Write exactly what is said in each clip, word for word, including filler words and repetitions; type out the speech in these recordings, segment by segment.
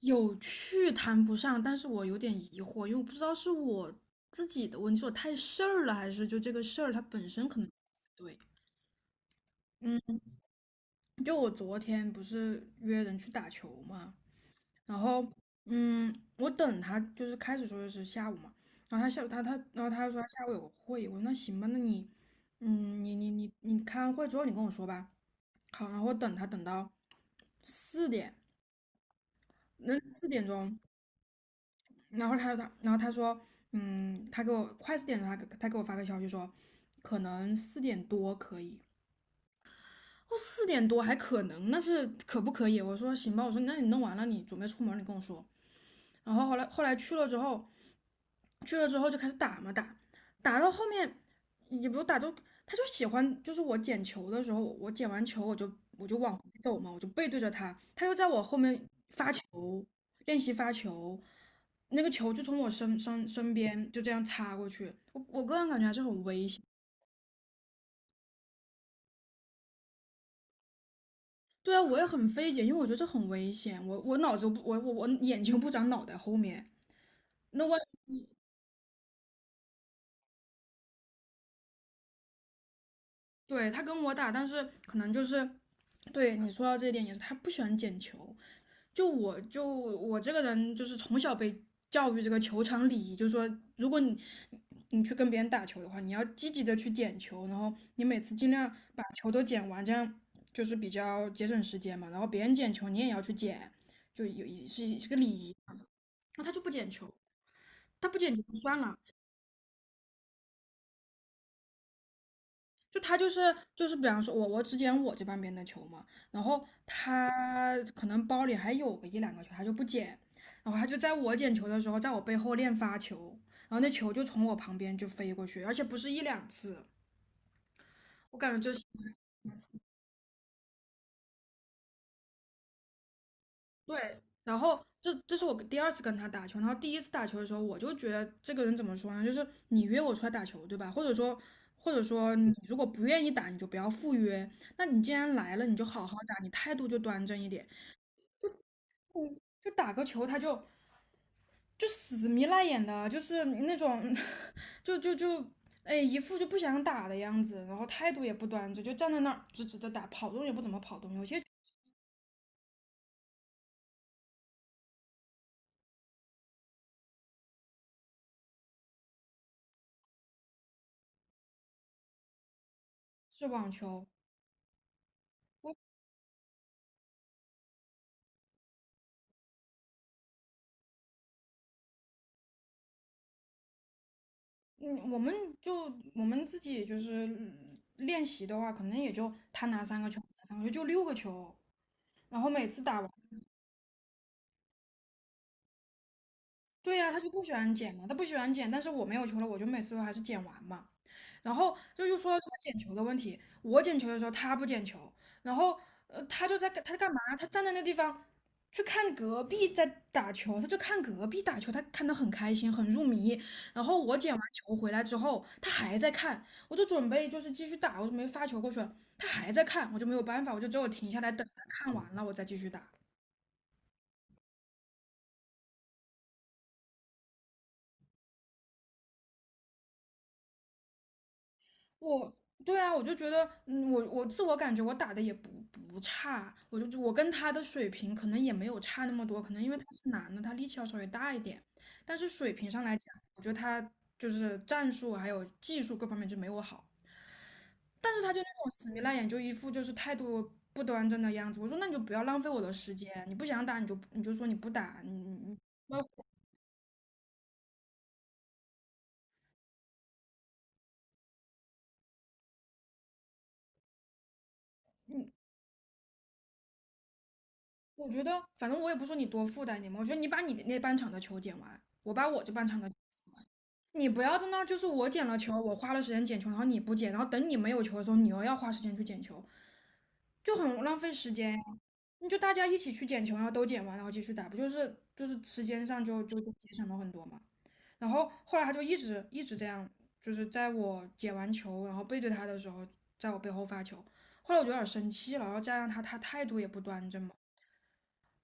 有趣谈不上，但是我有点疑惑，因为我不知道是我自己的问题，是我太事儿了，还是就这个事儿它本身可能不对。嗯，就我昨天不是约人去打球嘛，然后嗯，我等他就是开始说的是下午嘛，然后他下午他他然后他说他下午有个会，我说那行吧，那你嗯你你你你开完会之后你跟我说吧。好，然后我等他等到四点，那四点钟然后他他然后他说，嗯，他给我快四点的时候他他给我发个消息说，可能四点多可以。哦，四点多还可能，那是可不可以？我说行吧，我说那你弄完了，你准备出门，你跟我说。然后后来后来去了之后，去了之后就开始打嘛打，打到后面也不打就他就喜欢，就是我捡球的时候，我捡完球我就我就往回走嘛，我就背对着他，他又在我后面练习发球，那个球就从我身身身边就这样擦过去，我我个人感觉还是很危险。对啊，我也很费解，因为我觉得这很危险。我我脑子不，我我我眼睛不长脑袋后面。那我对他跟我打，但是可能就是对你说到这一点也是，他不喜欢捡球。就我就我这个人就是从小被教育这个球场礼仪，就是说如果你你去跟别人打球的话，你要积极的去捡球，然后你每次尽量把球都捡完，这样就是比较节省时间嘛。然后别人捡球，你也要去捡，就有是是个礼仪。那他就不捡球，他不捡球就算了，就他就是就是，比方说我我只捡我这半边的球嘛，然后他可能包里还有个一两个球，他就不捡，然后他就在我捡球的时候，在我背后练发球，然后那球就从我旁边就飞过去，而且不是一两次，我感觉这是对，然后这这是我第二次跟他打球，然后第一次打球的时候，我就觉得这个人怎么说呢？就是你约我出来打球，对吧？或者说，或者说你如果不愿意打，你就不要赴约。那你既然来了，你就好好打，你态度就端正一点。就打个球，他就就死迷赖眼的，就是那种，就就就，哎，一副就不想打的样子，然后态度也不端正，就站在那儿直直的打，跑动也不怎么跑动。有些是网球，我嗯，我们就我们自己就是嗯练习的话，可能也就他拿三个球，拿三个球，就六个球。然后每次打完对呀、他就不喜欢捡嘛，他不喜欢捡，但是我没有球了，我就每次都还是捡完嘛。然后就又说到这个捡球的问题，我捡球的时候他不捡球，然后呃他就在干他在干嘛？他站在那地方去看隔壁在打球，他就看隔壁打球，他看得很开心，很入迷。然后我捡完球回来之后，他还在看，我就准备就是继续打，我就没发球过去了，他还在看，我就没有办法，我就只有停下来等他看完了我再继续打。我对啊，我就觉得，嗯，我我自我感觉我打的也不不差，我就我跟他的水平可能也没有差那么多，可能因为他是男的，他力气要稍微大一点，但是水平上来讲，我觉得他就是战术还有技术各方面就没我好，但是他就那种死皮赖脸，就一副就是态度不端正的样子。我说那你就不要浪费我的时间，你不想打你就你就说你不打，你你你不要你，我觉得反正我也不说你多负担你嘛，我觉得你把你那半场的球捡完，我把我这半场的。你不要在那儿，就是我捡了球，我花了时间捡球，然后你不捡，然后等你没有球的时候，你又要花时间去捡球，就很浪费时间呀你就大家一起去捡球，然后都捡完，然后继续打，不就是就是时间上就就就节省了很多嘛。然后后来他就一直一直这样，就是在我捡完球，然后背对他的时候，在我背后发球。后来我就有点生气了，然后加上他他态度也不端正嘛，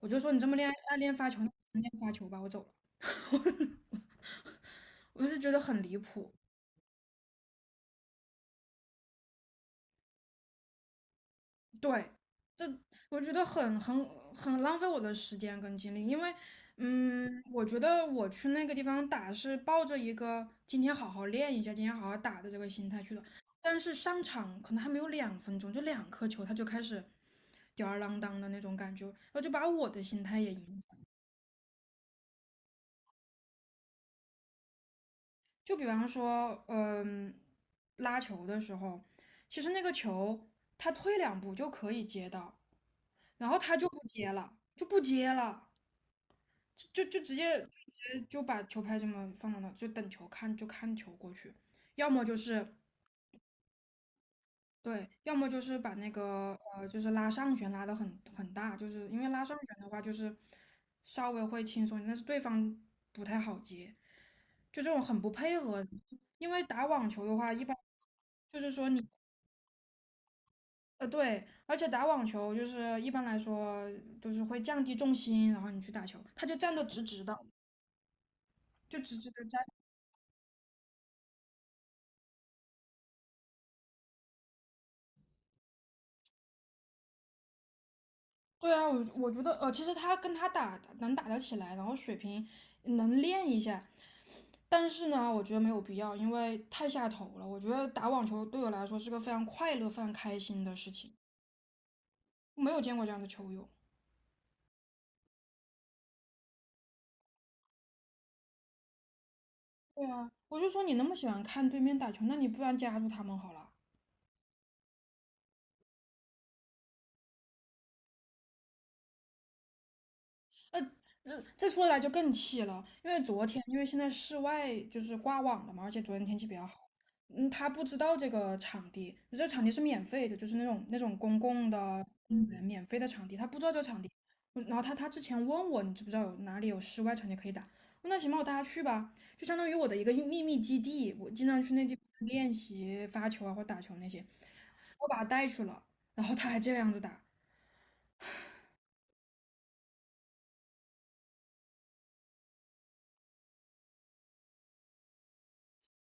我就说你这么练爱练发球，你练发球吧，我走了。我是觉得很离谱。对，这我觉得很很很浪费我的时间跟精力，因为，嗯，我觉得我去那个地方打是抱着一个今天好好练一下，今天好好打的这个心态去的，但是上场可能还没有两分钟，就两颗球，他就开始吊儿郎当的那种感觉，然后就把我的心态也影响。就比方说，嗯，拉球的时候，其实那个球他退两步就可以接到，然后他就不接了，就不接了。就就直接就直接就把球拍这么放到那，就等球看就看球过去，要么就是对，要么就是把那个呃就是拉上旋拉得很很大，就是因为拉上旋的话就是稍微会轻松一点但是对方不太好接，就这种很不配合。因为打网球的话，一般就是说你呃对，而且打网球就是一般来说就是会降低重心，然后你去打球，他就站的直直的，就直直的站。对啊，我我觉得呃，其实他跟他打打能打得起来，然后水平能练一下，但是呢，我觉得没有必要，因为太下头了。我觉得打网球对我来说是个非常快乐、非常开心的事情，我没有见过这样的球友。对啊，我就说你那么喜欢看对面打球，那你不然加入他们好了。那这这说起来就更气了，因为昨天因为现在室外就是挂网了嘛，而且昨天天气比较好，嗯，他不知道这个场地，这场地是免费的，就是那种那种公共的公园免费的场地，他不知道这个场地，我然后他他之前问我你知不知道有哪里有室外场地可以打，我说那行吧，我带他去吧，就相当于我的一个秘密基地，我经常去那地方练习发球啊或打球那些，我把他带去了，然后他还这个样子打，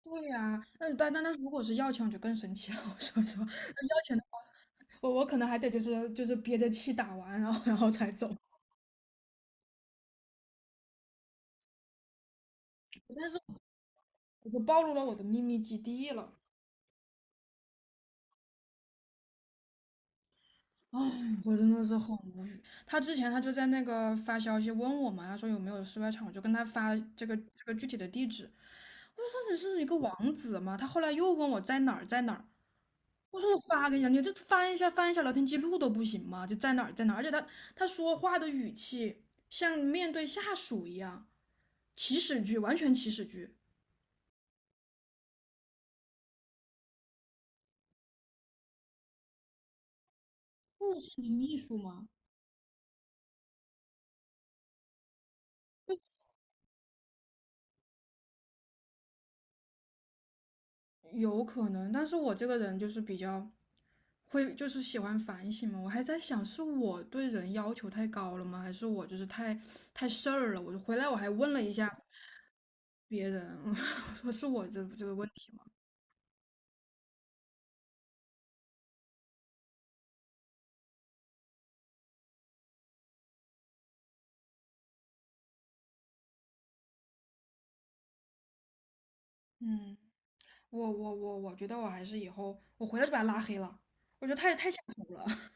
对呀、那但但但是如果是要钱，我就更生气了。我说说，要钱的话，我我可能还得就是就是憋着气打完，然后然后才走。但是我就暴露了我的秘密基地了。哎，我真的是很无语。他之前他就在那个发消息问我嘛，他说有没有室外场，我就跟他发这个这个具体的地址。我就说你是一个王子嘛。他后来又问我在哪儿，在哪儿。我说我发给你了，你就翻一下翻一下聊天记录都不行吗？就在哪儿在哪儿，而且他他说话的语气像面对下属一样，祈使句，完全祈使句。不是你秘书吗？有可能，但是我这个人就是比较会，就是喜欢反省嘛。我还在想，是我对人要求太高了吗？还是我就是太太事儿了？我就回来我还问了一下别人，我说是我这这个问题吗？嗯，我我我我觉得我还是以后我回来就把他拉黑了，我觉得太太下头了。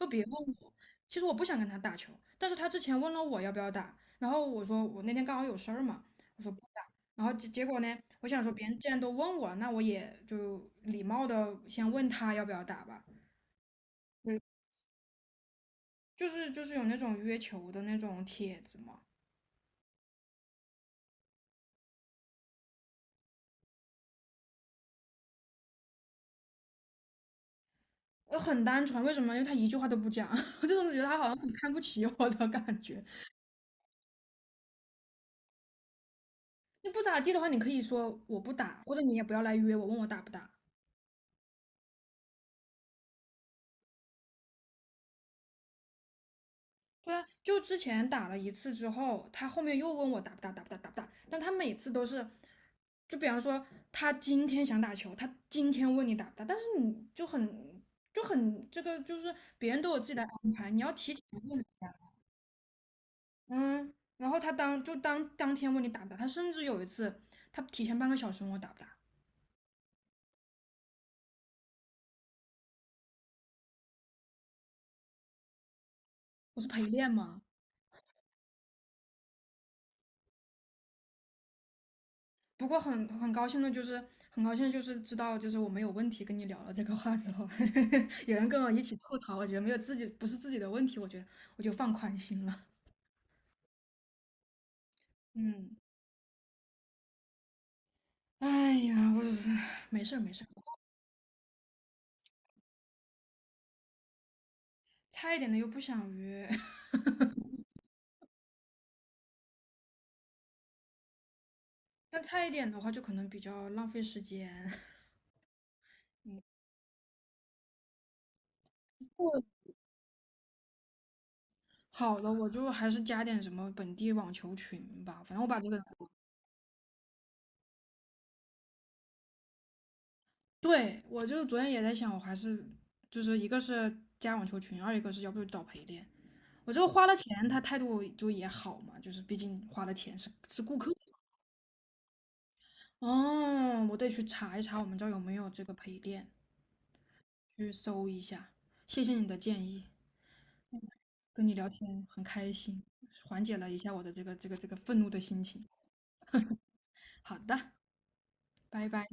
就别问我，其实我不想跟他打球，但是他之前问了我要不要打，然后我说我那天刚好有事儿嘛，我说不打，然后结结果呢，我想说别人既然都问我了，那我也就礼貌的先问他要不要打吧，对，就是就是有那种约球的那种帖子嘛，我很单纯，为什么？因为他一句话都不讲，我就是觉得他好像很看不起我的感觉。你不咋地的话，你可以说我不打，或者你也不要来约我，问我打不打。对啊，就之前打了一次之后，他后面又问我打不打，打不打，打不打。但他每次都是，就比方说他今天想打球，他今天问你打不打，但是你就很就很这个就是别人都有自己的嗯，然后他当就当当天问你打不打，他甚至有一次他提前半个小时问我打不打，我是陪练吗？不过很很高兴的就是，很高兴就是知道，就是我没有问题跟你聊了这个话之后，有人跟我一起吐槽，我觉得没有自己不是自己的问题，我觉得我就放宽心了。嗯，哎呀，我是没事儿没事儿，差一点的又不想约，但差一点的话就可能比较浪费时间。好的，我就还是加点什么本地网球群吧，反正我把这个，对，我就昨天也在想，我还是就是一个是加网球群，二一个是要不就找陪练。我就花了钱，他态度就也好嘛，就是毕竟花了钱是是顾客。哦，我得去查一查我们这儿有没有这个陪练，去搜一下。谢谢你的建议，跟你聊天很开心，缓解了一下我的这个这个这个愤怒的心情。好的，拜拜。